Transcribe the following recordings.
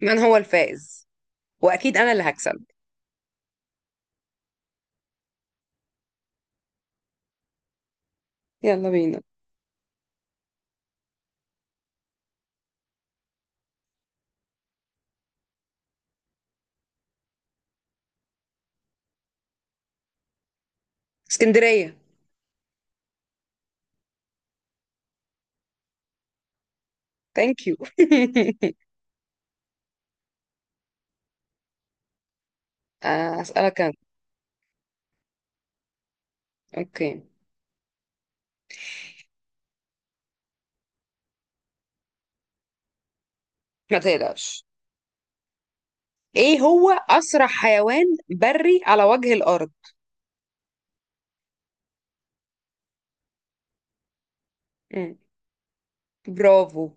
من هو الفائز؟ واكيد انا اللي هكسب. يلا بينا. اسكندرية. ثانك يو. اسالك انا. اوكي. ما تقلقش. ايه هو اسرع حيوان بري على وجه الارض؟ مم. برافو.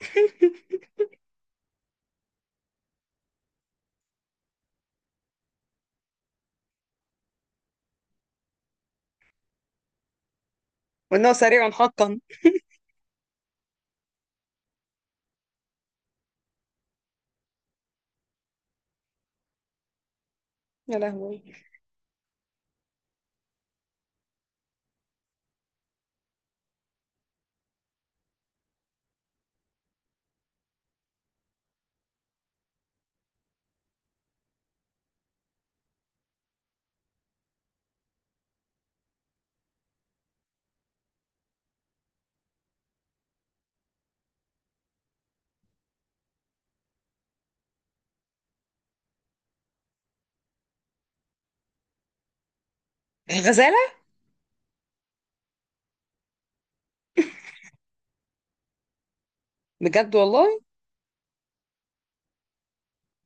وانه سريع حقا. يا لهوي. الغزالة. بجد والله؟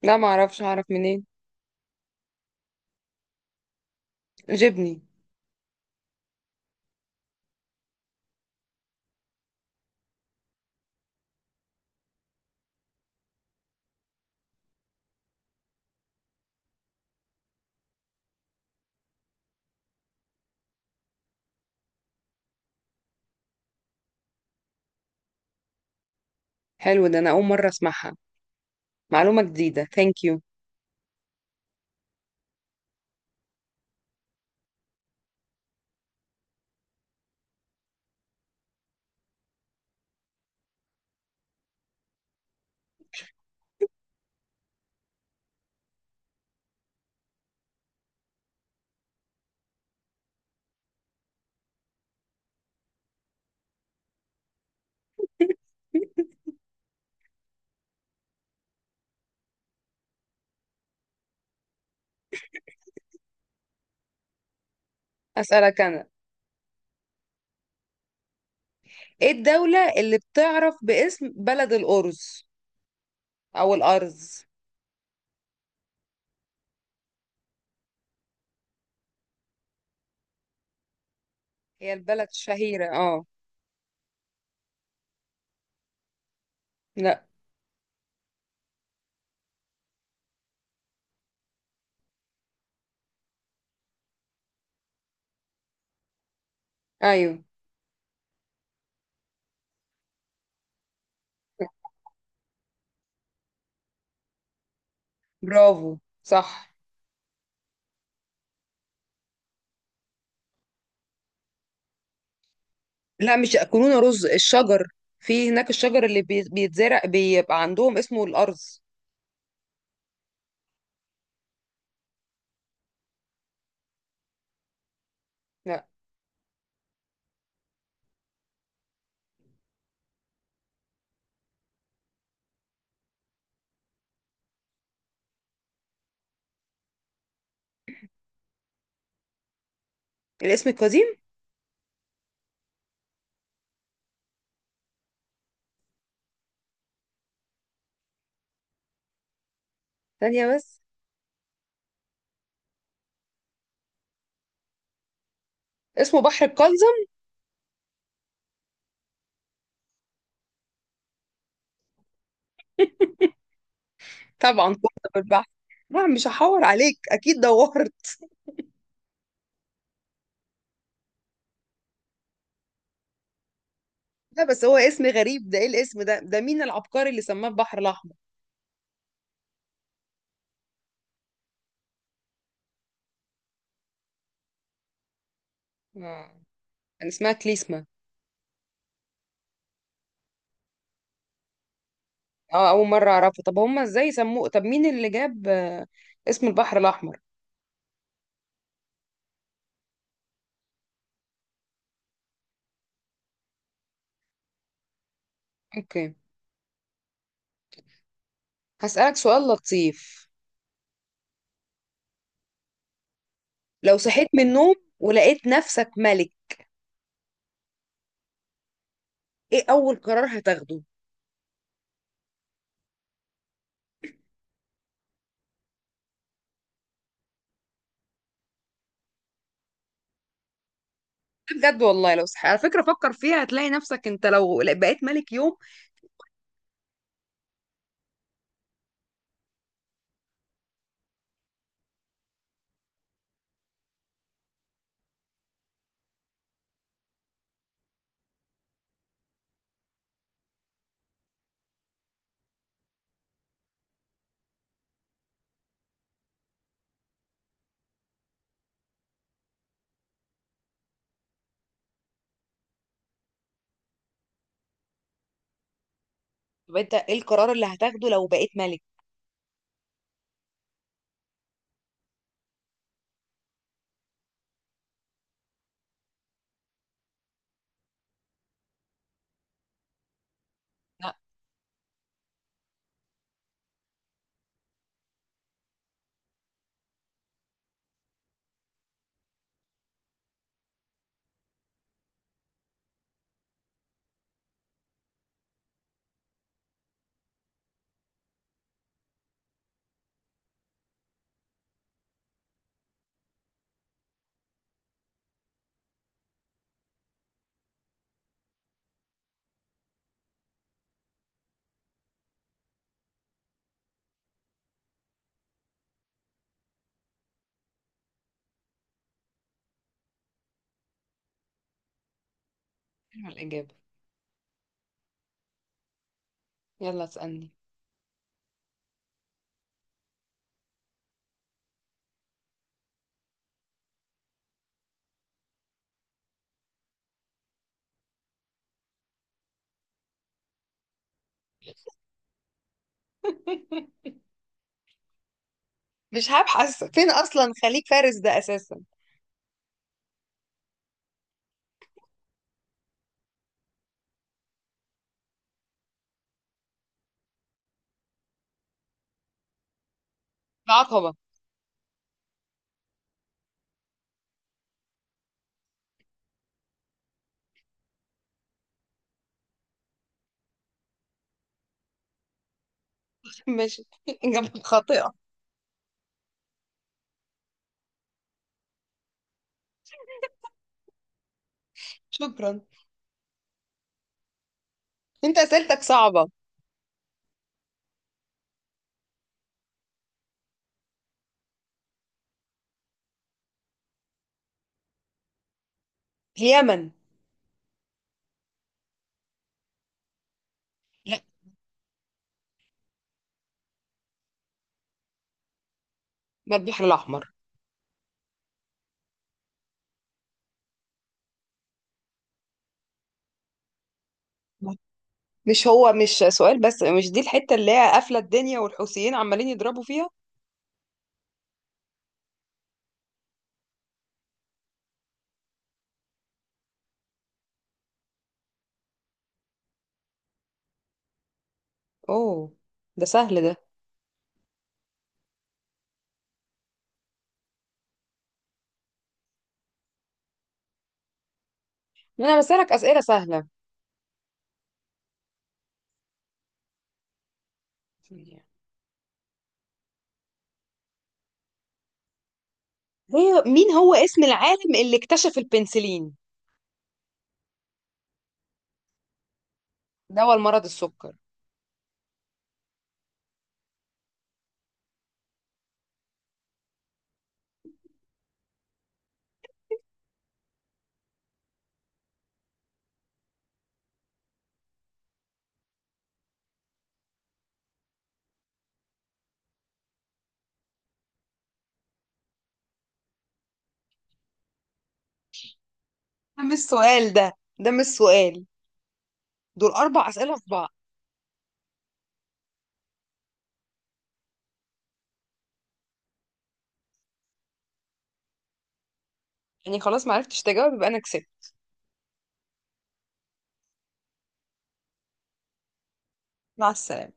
لا ما اعرفش، اعرف منين؟ جبني. حلو ده، انا اول مرة اسمعها، معلومة جديدة. ثانك يو. اسالك انا. ايه الدولة اللي بتعرف باسم بلد الارز او الارز؟ هي البلد شهيرة، اه. لا. ايوه. برافو، صح. لا مش يأكلون رز، الشجر، في هناك الشجر اللي بيتزرع بيبقى عندهم اسمه الأرز. لا. الاسم القديم؟ ثانية بس. اسمه بحر القلزم. طبعا، كنت بالبحر. لا مش هحور عليك، أكيد دورت. لا بس هو اسم غريب ده، ايه الاسم ده؟ ده مين العبقري اللي سماه البحر الأحمر؟ آه. كان اسمها كليسما. اه، أول مرة أعرفه. طب هما ازاي سموه؟ طب مين اللي جاب اسم البحر الأحمر؟ اوكي. هسألك سؤال لطيف. لو صحيت من النوم ولقيت نفسك ملك، ايه اول قرار هتاخده؟ بجد والله، لو على فكرة فكر فيها، هتلاقي نفسك، انت لو بقيت ملك يوم. طب انت ايه القرار اللي هتاخده لو بقيت ملك؟ لا. حلوة الإجابة. يلا اسألني. مش هبحث، فين اصلا خليك فارس ده اساسا ده. عقبة. ماشي، اجابة خاطئة. شكرا. انت اسئلتك صعبة. اليمن. لا. ما البحر الأحمر. مش هو مش سؤال، بس مش دي الحتة اللي هي قافلة الدنيا والحوثيين عمالين يضربوا فيها؟ اوه، ده سهل ده. انا بسألك أسئلة سهلة. هي مين هو اسم العالم اللي اكتشف البنسلين؟ دواء المرض السكر. ده مش سؤال ده، ده مش سؤال، دول أربع أسئلة في بعض. يعني خلاص ما عرفتش تجاوب، يبقى أنا كسبت. مع السلامة.